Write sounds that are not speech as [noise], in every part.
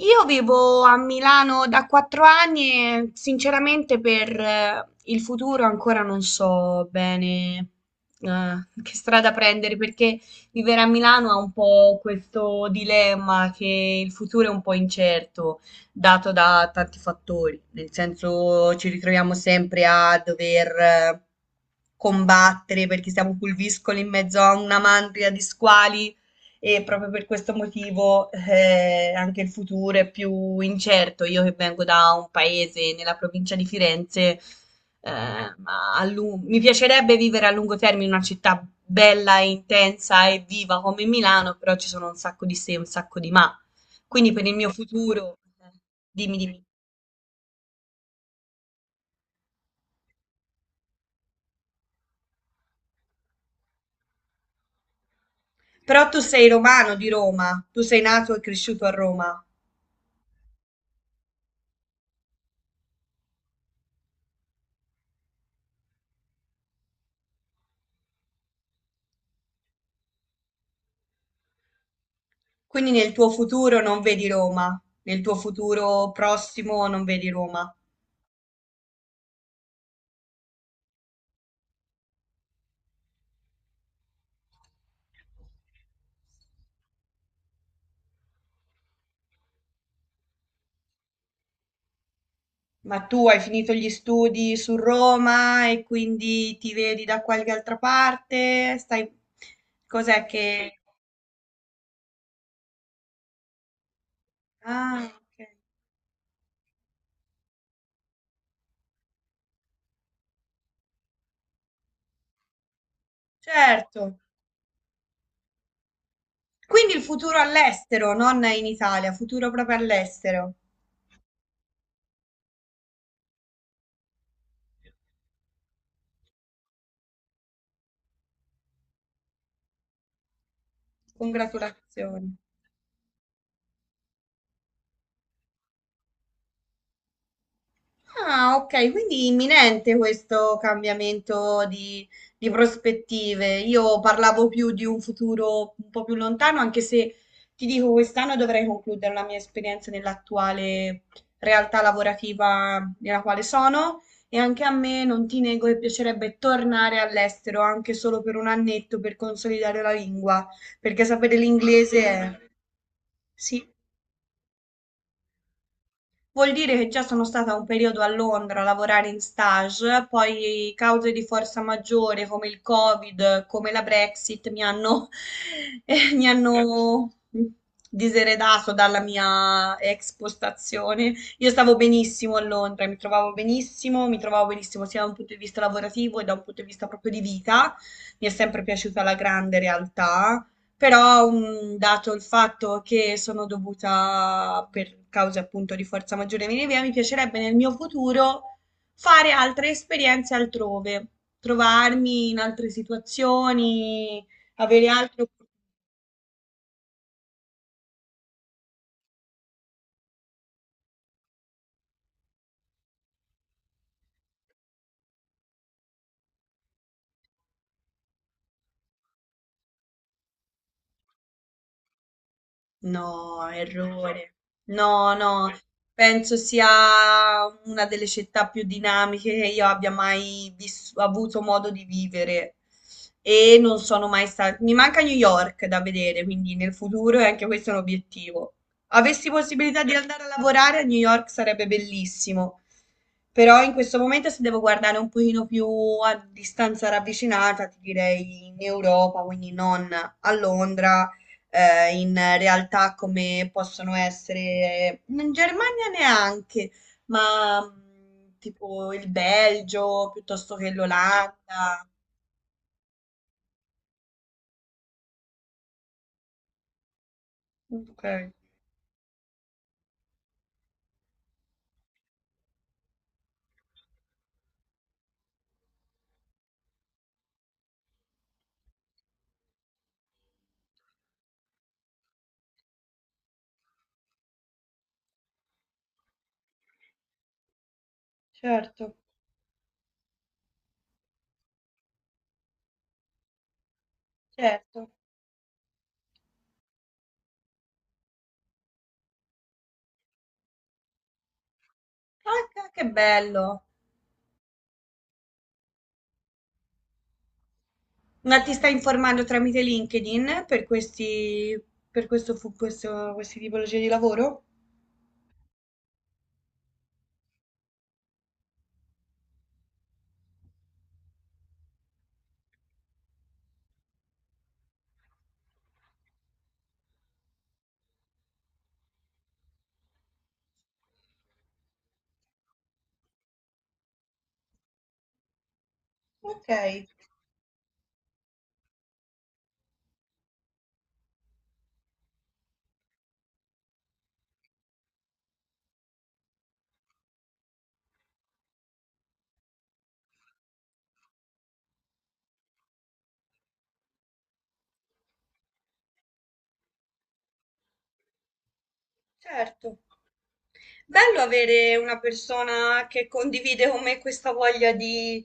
Io vivo a Milano da 4 anni e sinceramente per il futuro ancora non so bene eh, che strada prendere perché vivere a Milano ha un po' questo dilemma che il futuro è un po' incerto, dato da tanti fattori, nel senso ci ritroviamo sempre a dover combattere perché siamo pulviscoli in mezzo a una mandria di squali e proprio per questo motivo anche il futuro è più incerto. Io che vengo da un paese nella provincia di Firenze, mi piacerebbe vivere a lungo termine in una città bella e intensa e viva come Milano, però ci sono un sacco di se e un sacco di ma. Quindi per il mio futuro, dimmi, dimmi. Però tu sei romano di Roma, tu sei nato e cresciuto a Roma, quindi nel tuo futuro non vedi Roma, nel tuo futuro prossimo non vedi Roma. Ma tu hai finito gli studi su Roma e quindi ti vedi da qualche altra parte? Stai... Cos'è che... Ah, ok. Certo. Quindi il futuro all'estero, non in Italia, futuro proprio all'estero. Congratulazioni. Ah, ok, quindi imminente questo cambiamento di prospettive. Io parlavo più di un futuro un po' più lontano, anche se ti dico, quest'anno dovrei concludere la mia esperienza nell'attuale realtà lavorativa nella quale sono e anche a me non ti nego che piacerebbe tornare all'estero, anche solo per un annetto, per consolidare la lingua, perché sapere l'inglese è... [laughs] Sì. Vuol dire che già sono stata un periodo a Londra a lavorare in stage, poi cause di forza maggiore come il Covid, come la Brexit mi hanno, [laughs] mi hanno diseredato dalla mia ex postazione. Io stavo benissimo a Londra, mi trovavo benissimo sia da un punto di vista lavorativo che da un punto di vista proprio di vita. Mi è sempre piaciuta la grande realtà, però dato il fatto che sono dovuta per cause appunto di forza maggiore venire via, mi piacerebbe nel mio futuro fare altre esperienze altrove, trovarmi in altre situazioni, avere altre opportunità. No, errore. No, no, penso sia una delle città più dinamiche che io abbia mai vis- avuto modo di vivere e non sono mai stata. Mi manca New York da vedere, quindi nel futuro è anche questo è un obiettivo. Avessi possibilità di andare a lavorare a New York sarebbe bellissimo, però in questo momento se devo guardare un pochino più a distanza ravvicinata, ti direi in Europa, quindi non a Londra in realtà come possono essere in Germania neanche, ma tipo il Belgio piuttosto che l'Olanda. Ok, certo, certo. Ah, che bello. Ma ti stai informando tramite LinkedIn per questi, per questi tipologie di lavoro? Ok, certo. Bello avere una persona che condivide con me questa voglia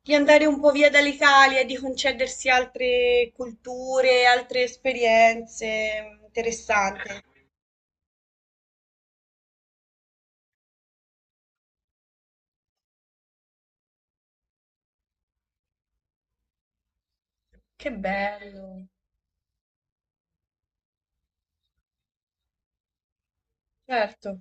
di andare un po' via dall'Italia, di concedersi altre culture, altre esperienze. Interessante. Che bello, certo.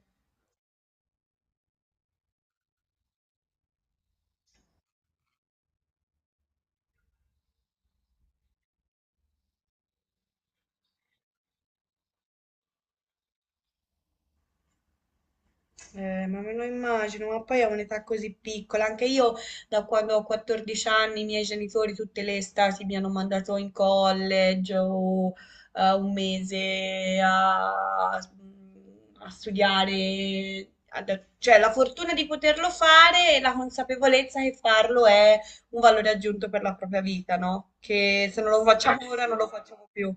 Ma me lo immagino, ma poi a un'età così piccola, anche io da quando ho 14 anni i miei genitori tutte le estati mi hanno mandato in college o un mese a, mm, a studiare, cioè la fortuna di poterlo fare e la consapevolezza che farlo è un valore aggiunto per la propria vita, no? Che se non lo facciamo ora non lo facciamo più,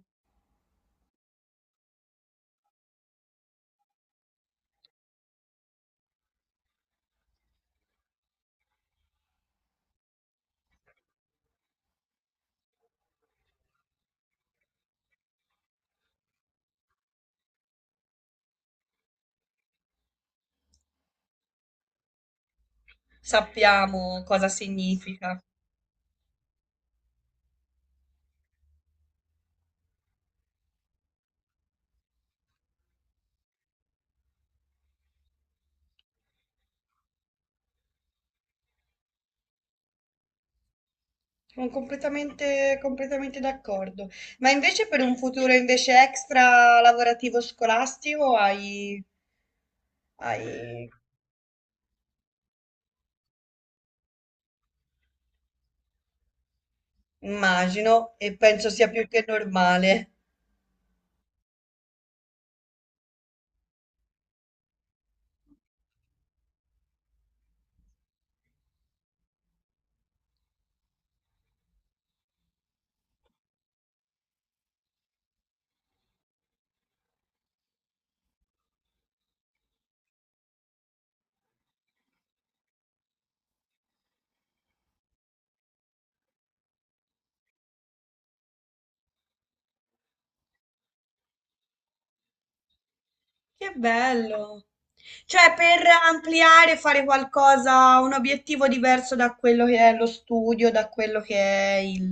sappiamo cosa significa. Sono completamente, completamente d'accordo. Ma invece per un futuro invece extra lavorativo scolastico hai, hai, immagino, e penso sia più che normale. Che bello! Cioè, per ampliare, fare qualcosa, un obiettivo diverso da quello che è lo studio, da quello che è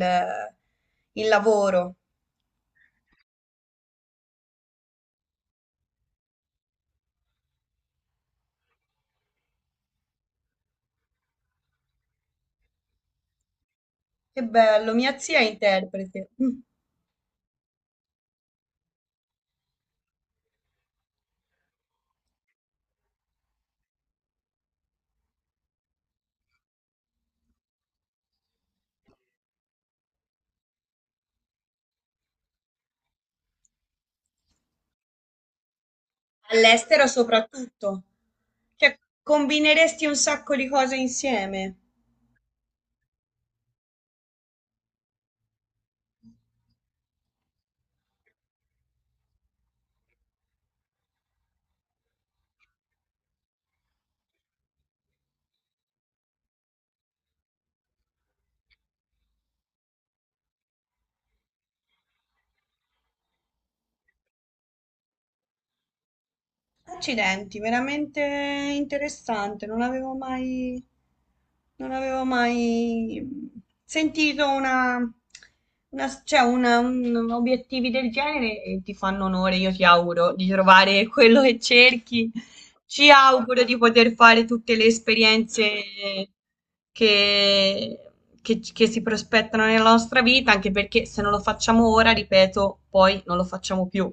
il lavoro. Che bello, mia zia è interprete. Mm. All'estero soprattutto. Cioè, combineresti un sacco di cose insieme. Accidenti, veramente interessante, non avevo mai, non avevo mai sentito una, obiettivi del genere e ti fanno onore, io ti auguro di trovare quello che cerchi, ci auguro di poter fare tutte le esperienze che, che si prospettano nella nostra vita, anche perché se non lo facciamo ora, ripeto, poi non lo facciamo più.